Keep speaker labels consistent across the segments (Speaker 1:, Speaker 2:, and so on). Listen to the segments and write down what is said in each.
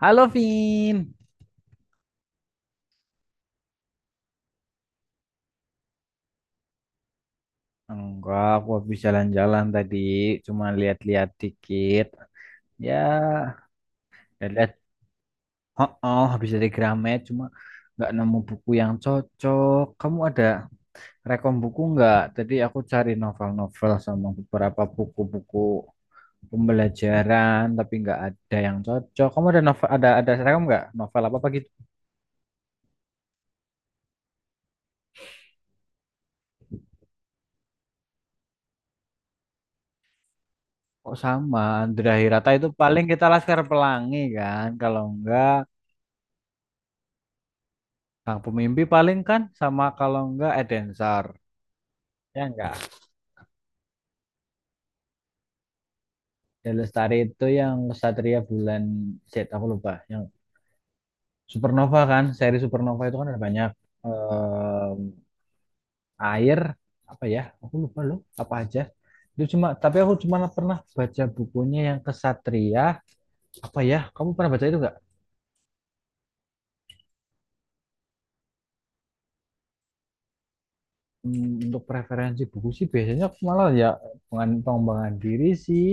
Speaker 1: Halo, Vin. Enggak, aku habis jalan-jalan tadi, cuma lihat-lihat dikit. Ya, ya lihat Oh, oh, habis dari Gramet, cuma nggak nemu buku yang cocok. Kamu ada rekom buku nggak? Tadi aku cari novel-novel sama beberapa buku-buku pembelajaran, tapi nggak ada yang cocok. Kamu ada novel, ada rekom nggak? Novel apa apa gitu? Oh sama, Andra Hirata itu paling kita Laskar Pelangi kan? Kalau enggak Kang Pemimpi paling kan sama kalau enggak Edensor. Ya enggak. Ya Lestari itu yang Satria Bulan Z aku lupa. Yang Supernova kan, seri Supernova itu kan ada banyak. Em, Air apa ya? Aku lupa loh, apa aja. Itu cuma tapi aku cuma pernah baca bukunya yang Kesatria apa ya? Kamu pernah baca itu enggak? Untuk preferensi buku sih biasanya aku malah ya pengembangan pengembangan diri sih.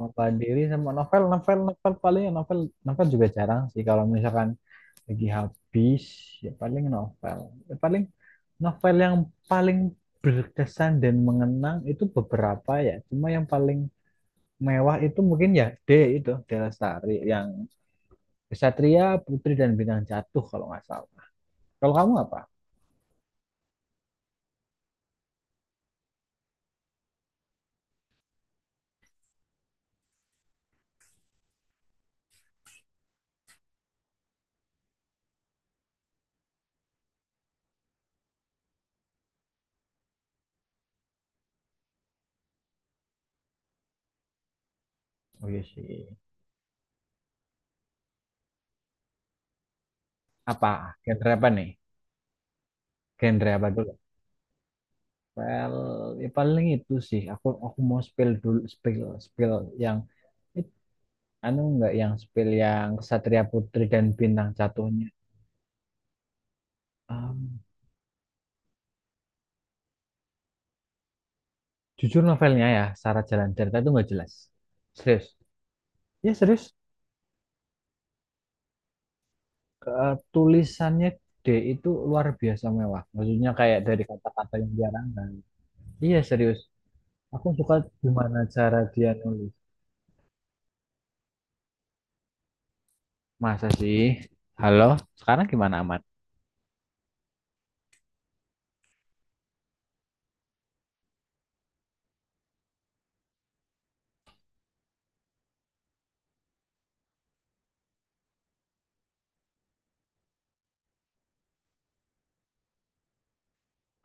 Speaker 1: Nova diri sama novel paling novel, novel juga jarang sih kalau misalkan lagi habis, ya paling novel. Ya, paling novel yang paling berkesan dan mengenang itu beberapa ya, cuma yang paling mewah itu mungkin ya D, itu D Lestari yang Kesatria, Putri dan Bintang Jatuh kalau nggak salah. Kalau kamu apa? Oh iya sih. Apa? Genre apa nih? Genre apa dulu? Well, ya paling itu sih. Aku mau spill dulu, spill, yang Anu nggak, yang spill yang Satria Putri dan Bintang Jatuhnya. Em, Jujur novelnya ya, secara jalan cerita itu nggak jelas. Serius. Ya serius. Tulisannya D itu luar biasa mewah. Maksudnya kayak dari kata-kata yang diarangkan. Iya serius. Aku suka gimana cara dia nulis. Masa sih? Halo, sekarang gimana aman?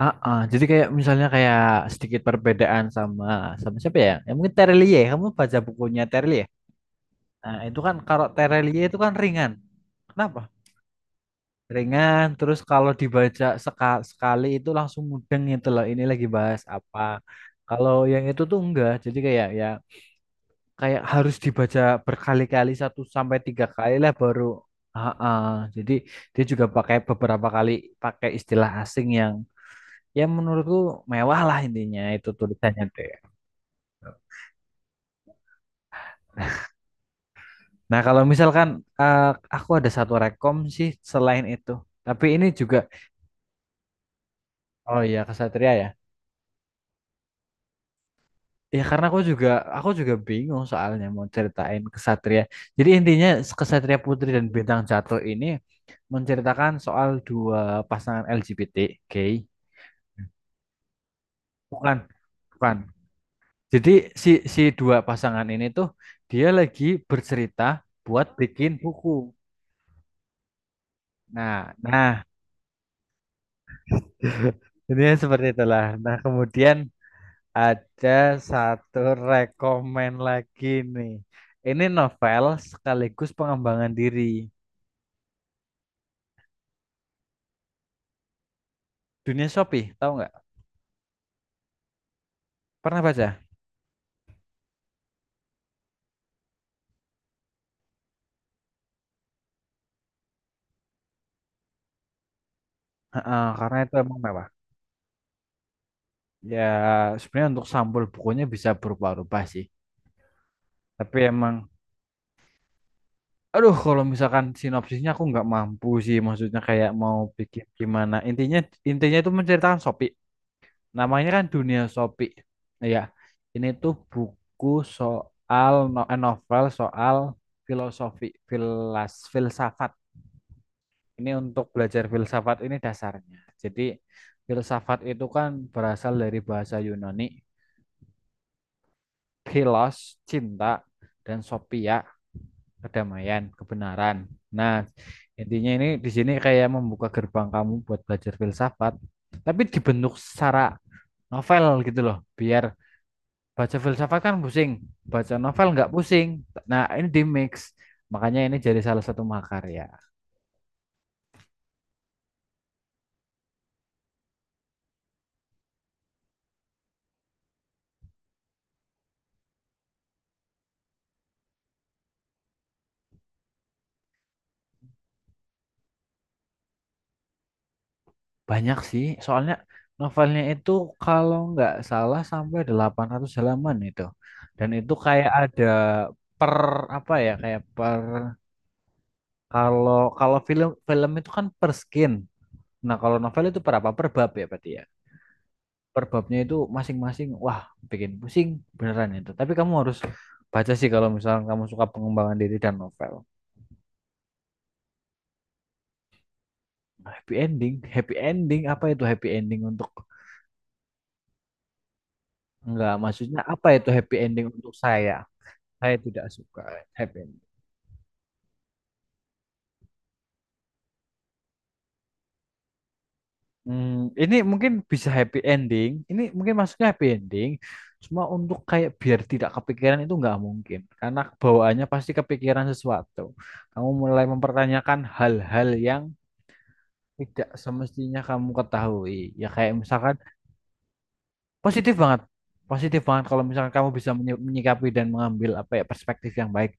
Speaker 1: Ah, ah. Jadi kayak misalnya kayak sedikit perbedaan sama sama siapa ya? Ya mungkin Terlie. Kamu baca bukunya Terlie? Nah, itu kan kalau Terelie itu kan ringan. Kenapa? Ringan, terus kalau dibaca sekali itu langsung mudeng gitu loh. Ini lagi bahas apa. Kalau yang itu tuh enggak. Jadi kayak ya kayak harus dibaca berkali-kali, satu sampai tiga kali lah baru. Ah, ah. Jadi dia juga pakai beberapa kali pakai istilah asing yang ya menurutku mewah lah, intinya itu tulisannya tuh, ya. Nah, kalau misalkan eh, aku ada satu rekom sih selain itu. Tapi ini juga. Oh iya, kesatria ya. Ya karena aku juga bingung soalnya mau ceritain kesatria. Jadi intinya kesatria putri dan bintang jatuh ini menceritakan soal dua pasangan LGBT gay. Bukan, bukan. Jadi si si dua pasangan ini tuh dia lagi bercerita buat bikin buku. Nah, nah, ini seperti itulah. Nah, kemudian ada satu rekomen lagi nih. Ini novel sekaligus pengembangan diri. Dunia Shopee, tahu nggak? Pernah baca? Heeh, karena itu emang mewah. Ya, sebenarnya untuk sampul bukunya bisa berubah-ubah sih. Tapi emang, aduh kalau misalkan sinopsisnya aku nggak mampu sih. Maksudnya kayak mau bikin gimana. Intinya intinya itu menceritakan Shopee. Namanya kan Dunia Shopee. Ya, ini tuh buku soal novel soal filosofi, filsafat. Ini untuk belajar filsafat ini dasarnya. Jadi filsafat itu kan berasal dari bahasa Yunani, philos, cinta, dan sophia, kedamaian, kebenaran. Nah, intinya ini di sini kayak membuka gerbang kamu buat belajar filsafat, tapi dibentuk secara novel gitu loh, biar. Baca filsafat kan pusing, baca novel nggak pusing. Nah, ini di mix. Makanya ini jadi salah satu makarya. Banyak sih, soalnya novelnya itu kalau nggak salah sampai 800 halaman itu. Dan itu kayak ada per apa ya, kayak per, kalau kalau film film itu kan per skin. Nah, kalau novel itu per apa? Per bab ya berarti ya. Per babnya itu masing-masing wah, bikin pusing beneran itu. Tapi kamu harus baca sih kalau misalnya kamu suka pengembangan diri dan novel. Happy ending apa itu happy ending untuk enggak, maksudnya apa itu happy ending untuk saya? Saya tidak suka happy ending. Ini mungkin bisa happy ending. Ini mungkin maksudnya happy ending. Cuma untuk kayak biar tidak kepikiran itu nggak mungkin. Karena bawaannya pasti kepikiran sesuatu. Kamu mulai mempertanyakan hal-hal yang tidak semestinya kamu ketahui. Ya kayak misalkan. Positif banget. Positif banget kalau misalkan kamu bisa menyikapi dan mengambil apa ya perspektif yang baik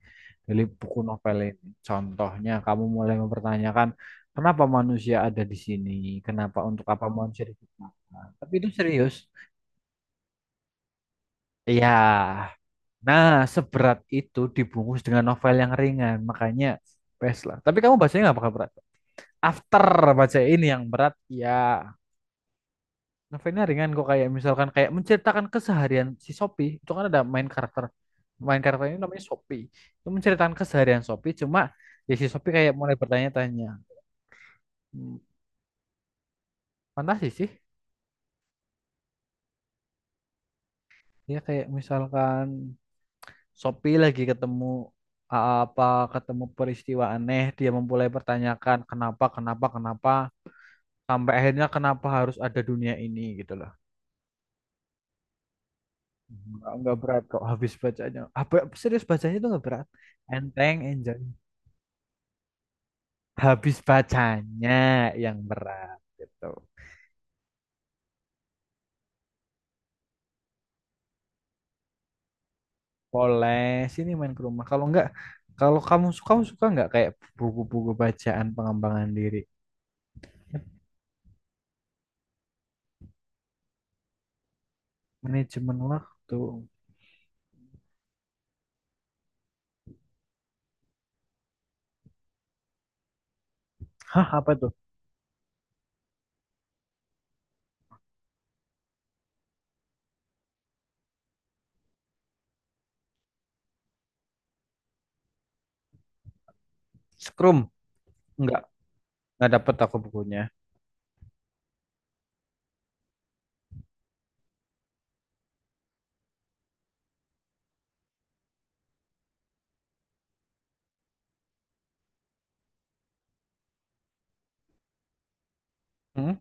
Speaker 1: dari buku novel ini. Contohnya kamu mulai mempertanyakan kenapa manusia ada di sini, kenapa untuk apa manusia diciptakan. Tapi itu serius. Iya. Nah, seberat itu dibungkus dengan novel yang ringan, makanya best lah. Tapi kamu bacanya nggak bakal berat. After baca ini yang berat, ya. Novelnya ringan kok, kayak misalkan kayak menceritakan keseharian si Sophie, itu kan ada main karakter. Ini namanya Sophie, itu menceritakan keseharian Sophie, cuma ya si Sophie kayak mulai bertanya-tanya. Hmm, Fantasi sih, dia kayak misalkan Sophie lagi ketemu a- apa ketemu peristiwa aneh, dia memulai pertanyakan kenapa kenapa kenapa sampai akhirnya kenapa harus ada dunia ini gitu loh. Nggak berat kok habis bacanya. Ah, serius bacanya itu nggak berat, enteng, enjoy habis bacanya, yang berat gitu. Boleh, sini main ke rumah. Kalau enggak, kalau kamu suka enggak kayak buku-buku bacaan pengembangan diri, manajemen waktu. Hah, apa tuh? Scrum? Enggak, enggak dapet aku bukunya. Hmm?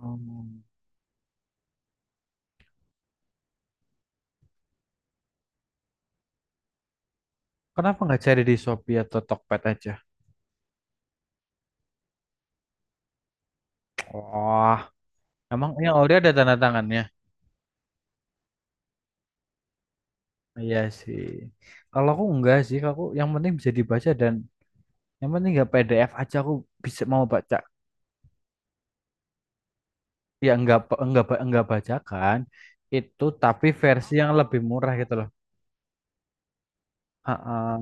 Speaker 1: Hmm. Kenapa enggak cari di Shopee atau Tokped aja? Wah, emang yang Ori ada tanda tangannya? Iya sih. Kalau aku enggak sih, aku yang penting bisa dibaca dan yang penting enggak PDF aja aku bisa mau baca. Ya enggak pa- enggak ba- enggak bajakan itu, tapi versi yang lebih murah gitu loh. Heeh,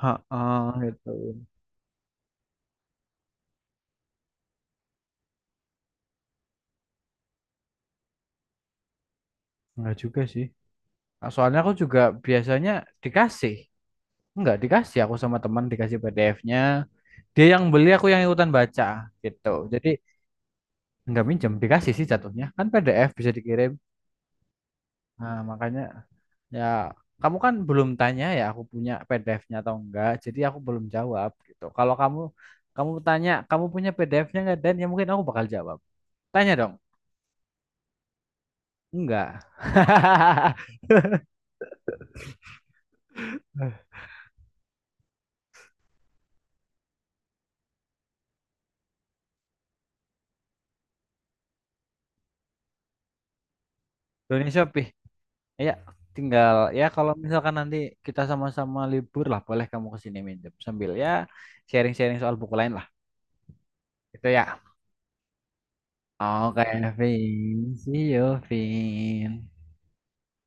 Speaker 1: heeh, gitu. Enggak juga sih. Ah, soalnya aku juga biasanya dikasih enggak dikasih, aku sama teman dikasih PDF-nya, dia yang beli, aku yang ikutan baca gitu. Jadi enggak minjem, dikasih sih jatuhnya. Kan PDF bisa dikirim, nah makanya. Ya, kamu kan belum tanya ya aku punya PDF-nya atau enggak. Jadi aku belum jawab gitu. Kalau kamu kamu tanya, kamu punya PDF-nya enggak, dan ya mungkin aku bakal jawab. Tanya dong. Enggak. Dunia Shopee. Ya, tinggal ya kalau misalkan nanti kita sama-sama libur lah, boleh kamu ke sini minjem sambil ya sharing-sharing soal buku lain lah. Itu ya. Oke, Vin. See you, Vin.